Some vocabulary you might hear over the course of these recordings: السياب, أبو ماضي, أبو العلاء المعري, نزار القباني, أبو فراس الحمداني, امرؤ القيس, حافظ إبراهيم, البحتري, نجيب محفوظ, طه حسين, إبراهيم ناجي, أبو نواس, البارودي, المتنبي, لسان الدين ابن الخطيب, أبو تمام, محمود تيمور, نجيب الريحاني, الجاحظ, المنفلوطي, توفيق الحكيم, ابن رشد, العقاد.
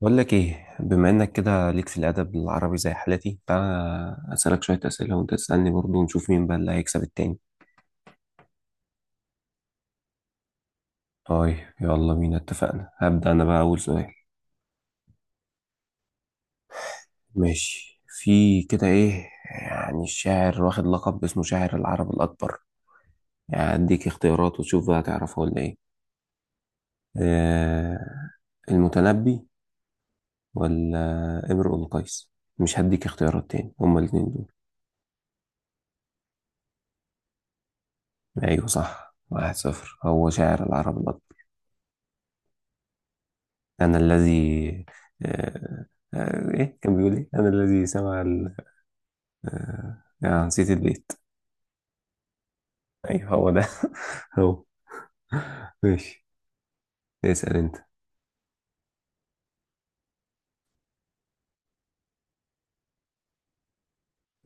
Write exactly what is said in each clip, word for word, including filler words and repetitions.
بقول لك ايه، بما انك كده ليك في الادب العربي زي حالتي، تعالى اسالك شويه اسئله وانت تسالني برضه ونشوف مين بقى اللي هيكسب التاني. طيب يلا بينا، اتفقنا. هبدا انا بقى اول سؤال. ماشي. في كده ايه يعني الشاعر واخد لقب اسمه شاعر العرب الاكبر؟ يعني اديك اختيارات وتشوف بقى تعرفه ولا ايه. آه، المتنبي ولا امرؤ القيس؟ مش هديك اختيارات تاني، هما الاتنين دول. ايوه صح، واحد صفر. هو شاعر العرب الاكبر. أنا الذي. آه، آه، إيه كان بيقول؟ إيه أنا الذي سمع ال آه، آه، نسيت البيت. أيوه هو ده. هو ماشي. اسأل أنت.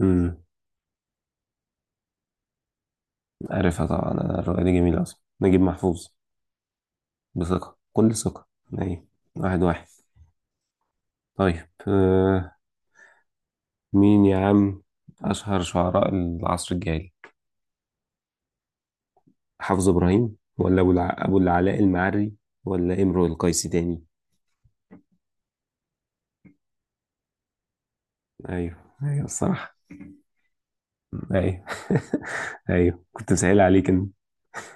امم عارفها طبعا، أنا الرؤية دي جميلة أصلا. نجيب محفوظ، بثقة كل ثقة. أيوه، واحد واحد. طيب، آه، مين يا عم أشهر شعراء العصر الجاهلي؟ حافظ إبراهيم ولا أبو الع... أبو العلاء المعري، ولا إمرؤ القيس تاني؟ أيوه. أيوه الصراحة، ايوه. ايوه كنت مسهل عليك انت.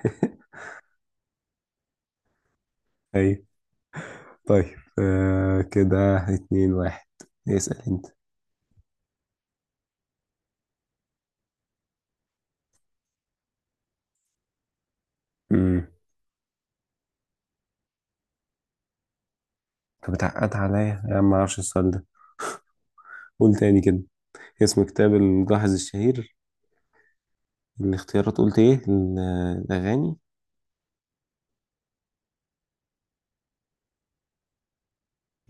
ايوه. طيب، آه كده اتنين واحد. اسأل انت. امم انت بتعقد عليا يا عم، ما اعرفش السؤال ده. قول تاني كده. اسم كتاب الملاحظ الشهير، الاختيارات قلت ايه؟ ال- الاغاني،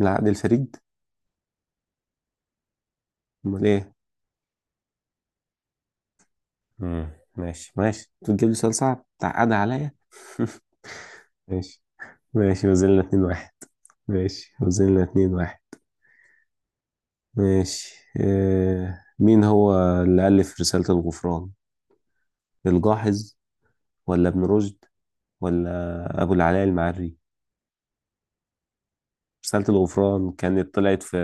العقد الفريد؟ امال ايه؟ امم ماشي ماشي، انت بتجيب لي سؤال صعب تعقد عليا. ماشي. ماشي وزلنا اتنين واحد. ماشي وزلنا اتنين واحد. ماشي، آه، مين هو اللي ألف رسالة الغفران؟ الجاحظ ولا ابن رشد ولا أبو العلاء المعري؟ رسالة الغفران كانت طلعت في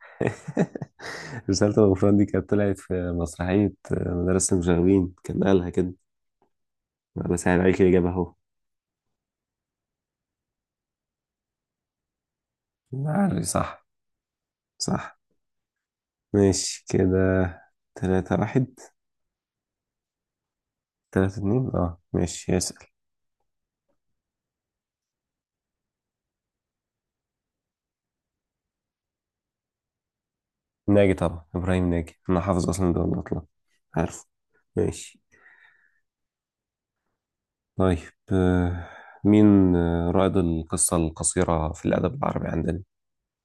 رسالة الغفران دي كانت طلعت في مسرحية، آه، مدرسة المشاغبين كان قالها كده. أنا بسهل عليك الإجابة أهو. المعري صح. صح. ماشي، كده تلاتة واحد. تلاتة اتنين، اه ماشي يسأل. ناجي طبعا، إبراهيم ناجي. أنا حافظ أصلا ده ولا أطلع، عارفه. ماشي. طيب، آه، مين آه، رائد القصة القصيرة في الأدب العربي عندنا؟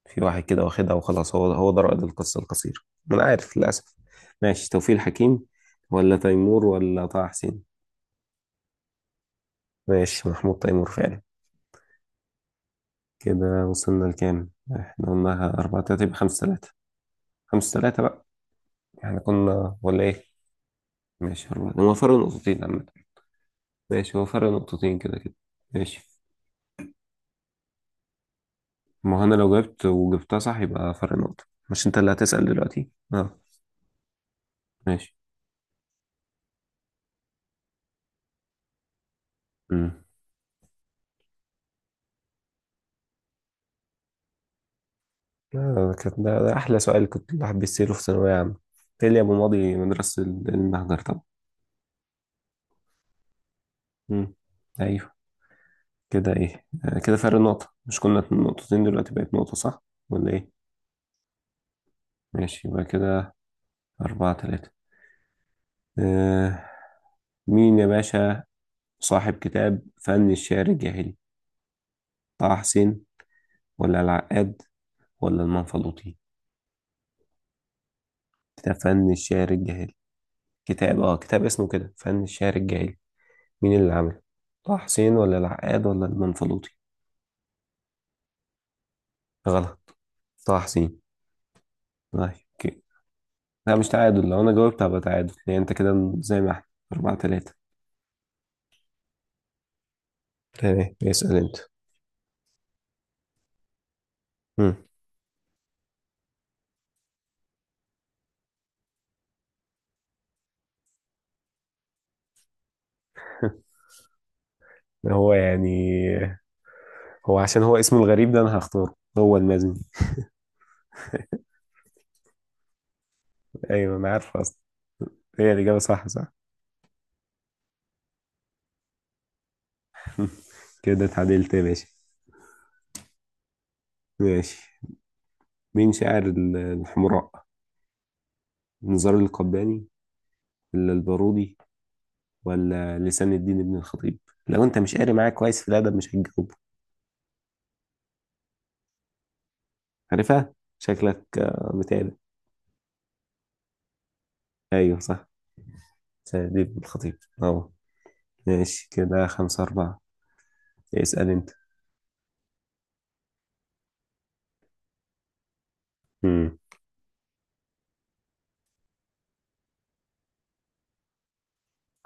في واحد كده واخدها وخلاص، هو هو ده رائد القصة القصيرة، ما أنا عارف للأسف. ماشي، توفيق الحكيم ولا تيمور ولا طه حسين؟ ماشي، محمود تيمور فعلا. كده وصلنا لكام؟ احنا قلناها أربعة تلاتة، يبقى خمسة تلاتة. خمسة تلاتة بقى. احنا كنا ولا إيه؟ ماشي أربعة، هو فرق نقطتين عامة. ماشي هو فرق نقطتين كده كده. ماشي. ما هو أنا لو جبت وجبتها صح يبقى فرق نقطة. مش أنت اللي هتسأل دلوقتي؟ اه ماشي. امم آه، كانت ده, ده احلى سؤال كنت الواحد بيسأله في ثانوية عامة. تالي ابو ماضي، مدرسة ال- المهجر طبعا. امم ايوه. كده ايه، آه، كده فرق نقطة، مش كنا نقطتين دلوقتي بقت نقطة صح ولا ايه؟ ماشي، يبقى كده أربعة تلاتة. آه، مين يا باشا صاحب كتاب فن الشعر الجاهلي؟ طه حسين ولا العقاد ولا المنفلوطي؟ كتاب فن الشعر الجاهلي. كتاب، اه كتاب اسمه كده فن الشعر الجاهلي، مين اللي عمله؟ طه حسين ولا العقاد ولا المنفلوطي؟ غلط، طه حسين. طيب اوكي. لا مش تعادل، لو انا جاوبت هبقى تعادل، يعني انت كده زي ما احنا، أربعة تلاتة. تمام، اسأل انت. مم. هو يعني، هو عشان هو اسمه الغريب ده انا هختاره، هو المازن. ايوه انا عارف اصلا، هي الاجابه صح. صح. كده اتعدلت يا باشا. ماشي، مين شاعر ال- الحمراء؟ نزار القباني ولا البارودي ولا لسان الدين ابن الخطيب؟ لو انت مش قاري معاك كويس في الادب مش هتجاوب. عارفها؟ شكلك آه، بتاع ده. ايوه صح، سعيد الخطيب. اه ماشي، كده خمسة أربعة. اسأل انت. مم.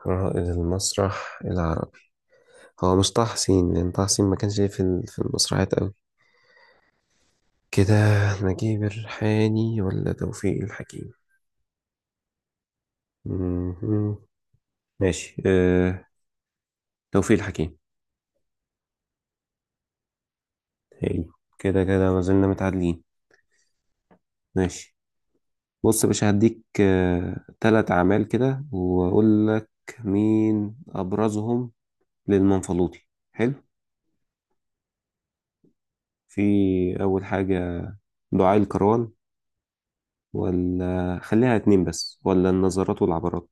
رائد المسرح العربي. هو مش طه حسين، لأن طه حسين ما كانش ليه في ال- في المسرحيات أوي. كده نجيب الريحاني ولا توفيق الحكيم؟ مم. ماشي، أه... توفيق الحكيم. حلو، كده كده ما زلنا متعادلين. ماشي. بص يا باشا، هديك آه، تلات أعمال كده وأقول لك مين أبرزهم للمنفلوطي. حلو. في أول حاجة، دعاء الكران، ولا خليها اتنين بس، ولا النظرات والعبرات؟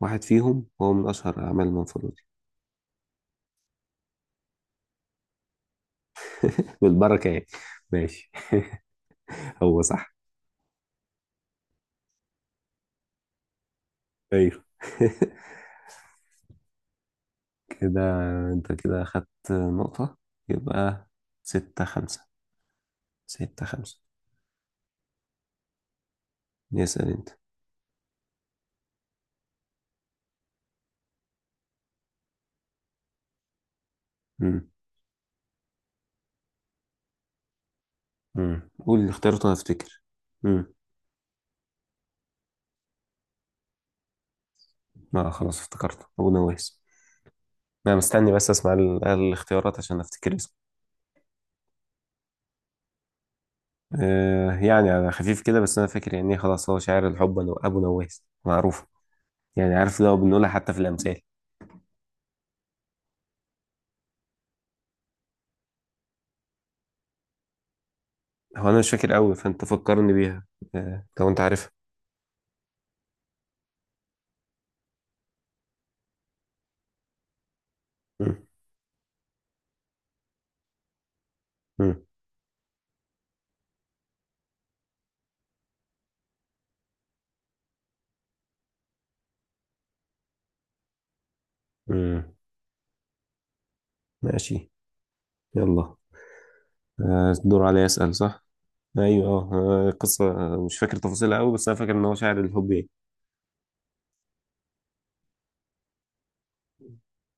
واحد فيهم هو من أشهر أعمال المنفلوطي. بالبركة يعني. ماشي، هو صح. أيوه. كده أنت كده أخدت نقطة، يبقى ستة خمسة. ستة خمسة، اسأل أنت. مم. مم. قول الاختيارات وأنا أفتكر. مم. لا خلاص افتكرت، أبو نواس. أنا مستني بس أسمع ال- الاختيارات عشان أفتكر. آه يعني على خفيف كده، بس انا فاكر يعني إيه، خلاص هو شاعر الحب. أنو- ابو نواس معروفه يعني، عارف ده بنقولها حتى في الامثال. هو انا مش فاكر قوي، فانت فكرني بيها. آه لو انت عارفها. مم. مم. مم. ماشي، يلا، آه الدور عليا اسال صح. ايوه اه. آه، القصه، آه، مش فاكر تفاصيلها قوي، بس انا فاكر ان هو شاعر الحب يعني.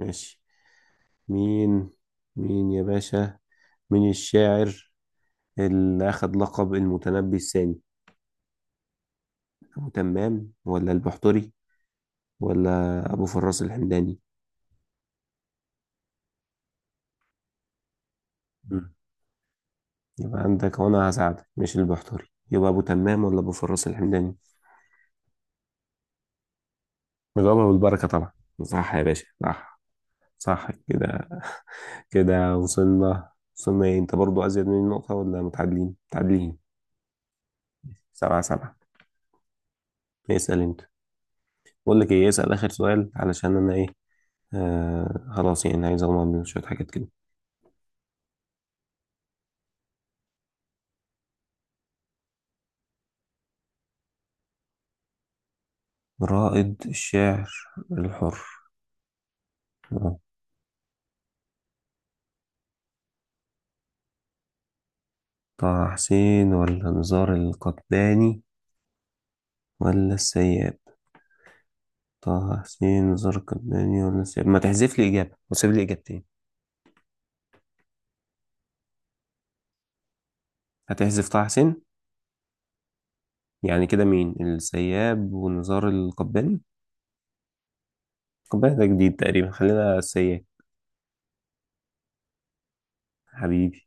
ماشي، مين، مين يا باشا، مين الشاعر اللي أخد لقب المتنبي الثاني؟ أبو تمام ولا البحتري ولا أبو فراس الحمداني؟ مم. يبقى عندك وأنا هساعدك، مش البحتري، يبقى أبو تمام ولا أبو فراس الحمداني؟ الغابة والبركة طبعا. صح يا باشا صح. صح كده. كده وصلنا، وصلنا إيه، أنت برضو أزيد مني نقطة ولا متعادلين؟ متعادلين. سبعة سبعة. اسأل أنت. بقول لك إيه، اسأل آخر سؤال علشان أنا إيه، آه خلاص يعني عايز أغمض من شوية حاجات كده. رائد الشعر الحر. طه حسين ولا نزار القباني ولا السيد. طه حسين زرقداني ولا سياب، ما تحذف لي إجابة وسيب لي إجابتين. هتحذف طه حسين؟ يعني كده مين السياب ونزار القباني؟ القباني ده جديد تقريبا، خلينا السياب. حبيبي.